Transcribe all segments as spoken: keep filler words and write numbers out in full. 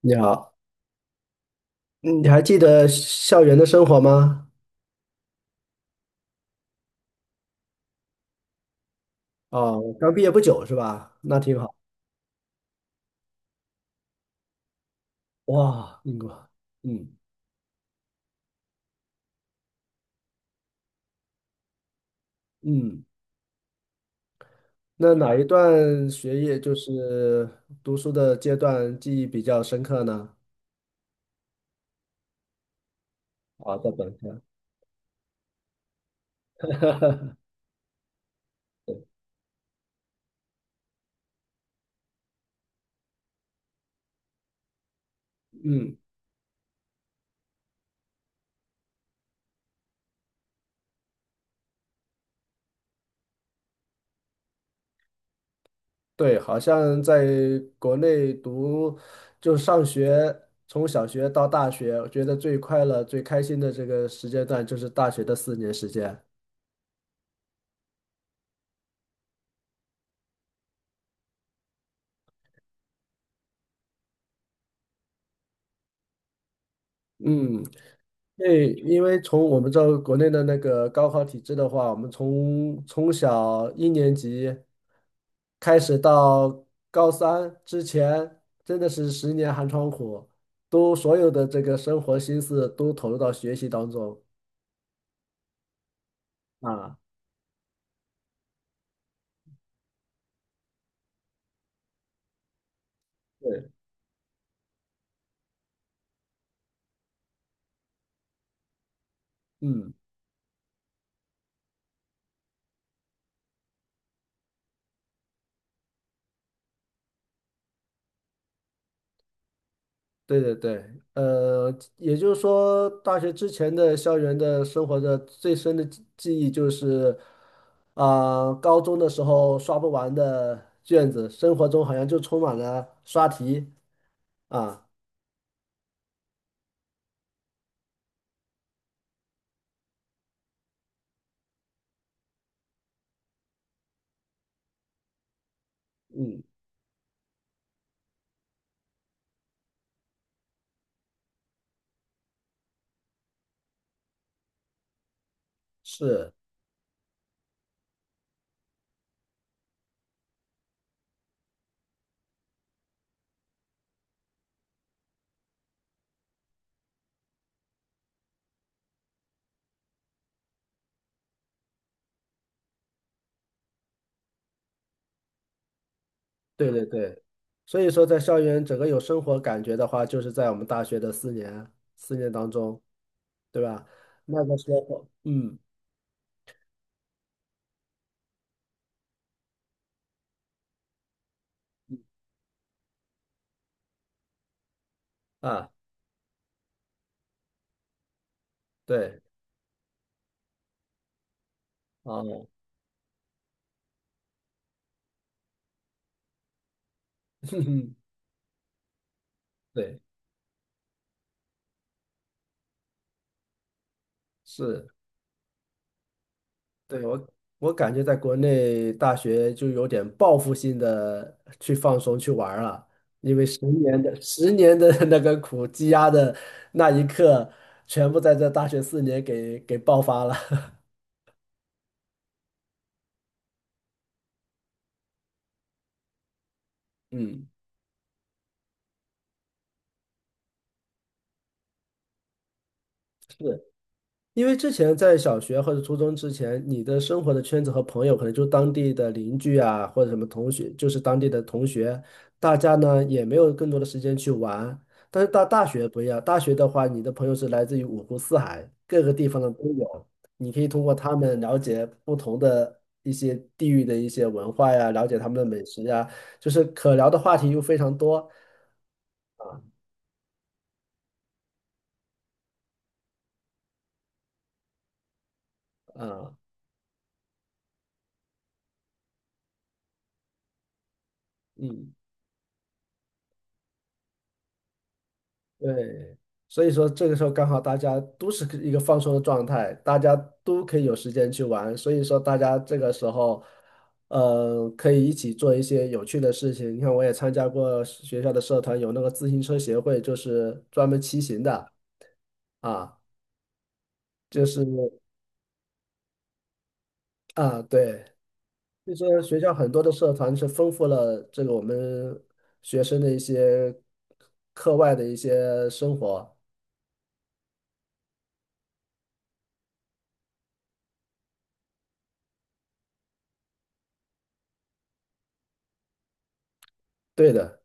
你好，你还记得校园的生活吗？哦，刚毕业不久是吧？那挺好。哇，英国，嗯嗯，那哪一段学业就是读书的阶段记忆比较深刻呢？啊，在本科，嗯，对，好像在国内读就上学，从小学到大学，我觉得最快乐、最开心的这个时间段就是大学的四年时间。嗯。对，因为从我们这国内的那个高考体制的话，我们从从小一年级开始到高三之前，真的是十年寒窗苦，都所有的这个生活心思都投入到学习当中啊。对，嗯。对对对，呃，也就是说，大学之前的校园的生活的最深的记记忆就是，啊、高中的时候刷不完的卷子，生活中好像就充满了刷题啊，嗯，是，对对对，所以说在校园整个有生活感觉的话，就是在我们大学的四年四年当中，对吧？那个时候，嗯啊，对，哦，对，是。对，我我感觉在国内大学就有点报复性的去放松去玩儿了，十年的十年的 那个苦积压的那一刻，全部在这大学四年给给爆发了。嗯，是。因为之前在小学或者初中之前，你的生活的圈子和朋友可能就当地的邻居啊，或者什么同学，就是当地的同学，大家呢也没有更多的时间去玩。但是到大学不一样，大学的话，你的朋友是来自于五湖四海，各个地方的都有，你可以通过他们了解不同的一些地域的一些文化呀，了解他们的美食呀，就是可聊的话题又非常多啊，嗯。对，所以说这个时候刚好大家都是一个放松的状态，大家都可以有时间去玩，所以说大家这个时候，呃，可以一起做一些有趣的事情。你看，我也参加过学校的社团，有那个自行车协会，就是专门骑行的啊，就是啊，对，所以说学校很多的社团是丰富了这个我们学生的一些课外的一些生活。对的。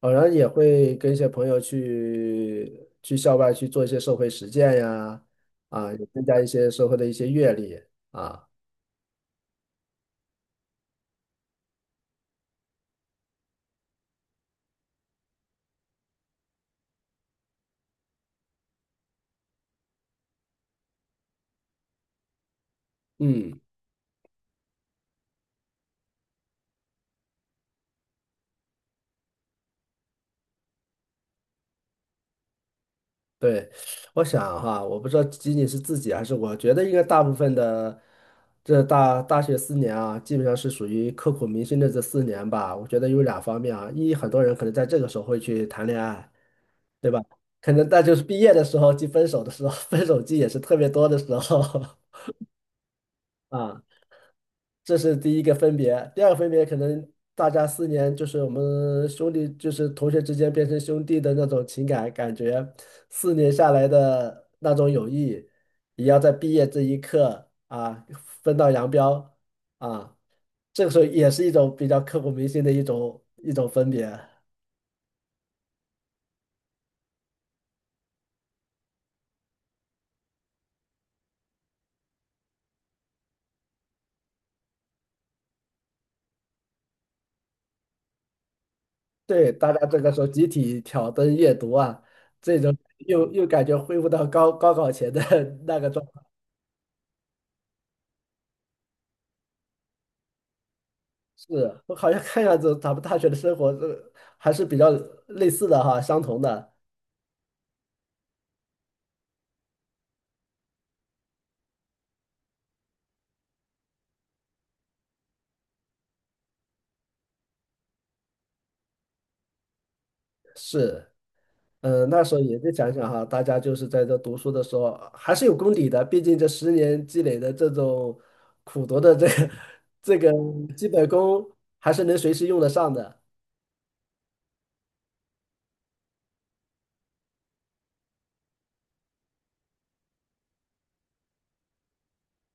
偶然后也会跟一些朋友去去校外去做一些社会实践呀，啊，也增加一些社会的一些阅历啊。嗯，对，我想哈，我不知道仅仅是自己还是我觉得应该大部分的这大大学四年啊，基本上是属于刻骨铭心的这四年吧。我觉得有两方面啊，一很多人可能在这个时候会去谈恋爱，对吧？可能那就是毕业的时候，即分手的时候，分手季也是特别多的时候 啊。这是第一个分别。第二个分别可能大家四年就是我们兄弟，就是同学之间变成兄弟的那种情感感觉，四年下来的那种友谊，也要在毕业这一刻啊分道扬镳啊。这个时候也是一种比较刻骨铭心的一种一种分别。对，大家这个时候集体挑灯夜读啊，这种又又感觉恢复到高高考前的 那个状。是我 好像看样子，咱们大学的生活这还是比较类似的哈，相同的。是，嗯，那时候也就想想哈，大家就是在这读书的时候还是有功底的，毕竟这十年积累的这种苦读的这个 这个基本功，还是能随时用得上的。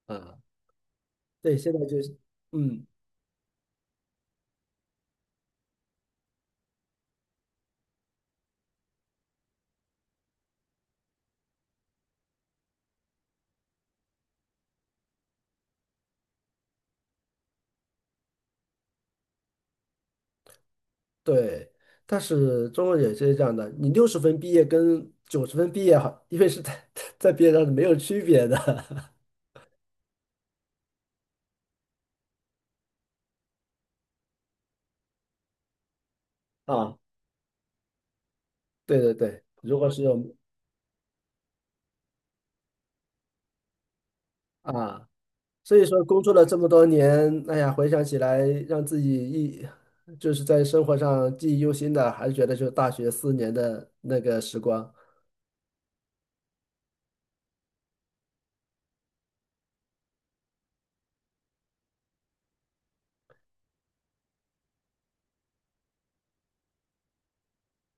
啊，对，现在就是，嗯，对。但是中国也是这样的，你六十分毕业跟九十分毕业，好，因为是在 在毕业上是没有区别的 啊。对对对，如果是有啊，所以说工作了这么多年，哎呀，回想起来，让自己一就是在生活上记忆犹新的，还是觉得就是大学四年的那个时光。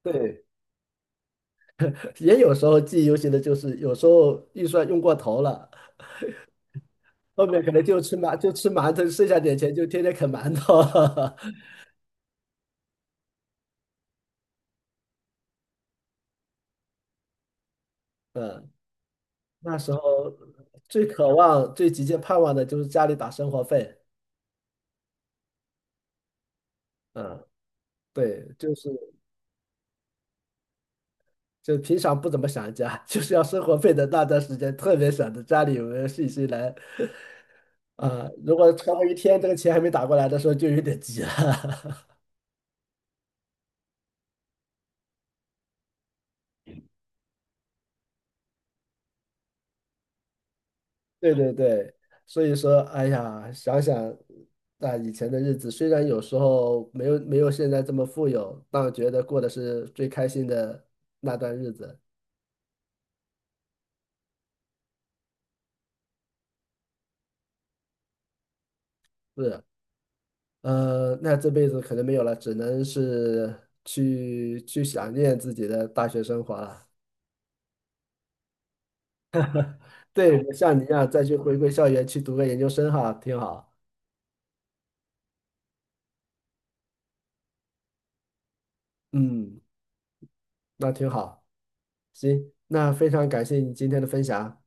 对 也有时候记忆犹新的，就是有时候预算用过头了，后面可能就吃馒就吃馒头，剩下点钱就天天啃馒头。嗯，那时候最渴望、最急切盼望的就是家里打生活费。嗯，对，就是。就平常不怎么想家，就是要生活费的那段时间，特别想着家里有没有信息来啊、如果超过一天，这个钱还没打过来的时候，就有点急了。对对对，所以说，哎呀，想想那以前的日子，虽然有时候没有没有现在这么富有，但觉得过的是最开心的那段日子。是，呃，那这辈子可能没有了，只能是去去想念自己的大学生活了。对，像你一样再去回归校园去读个研究生哈，挺好。嗯，那挺好。行，那非常感谢你今天的分享。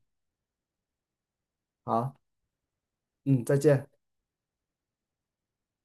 好，嗯，再见。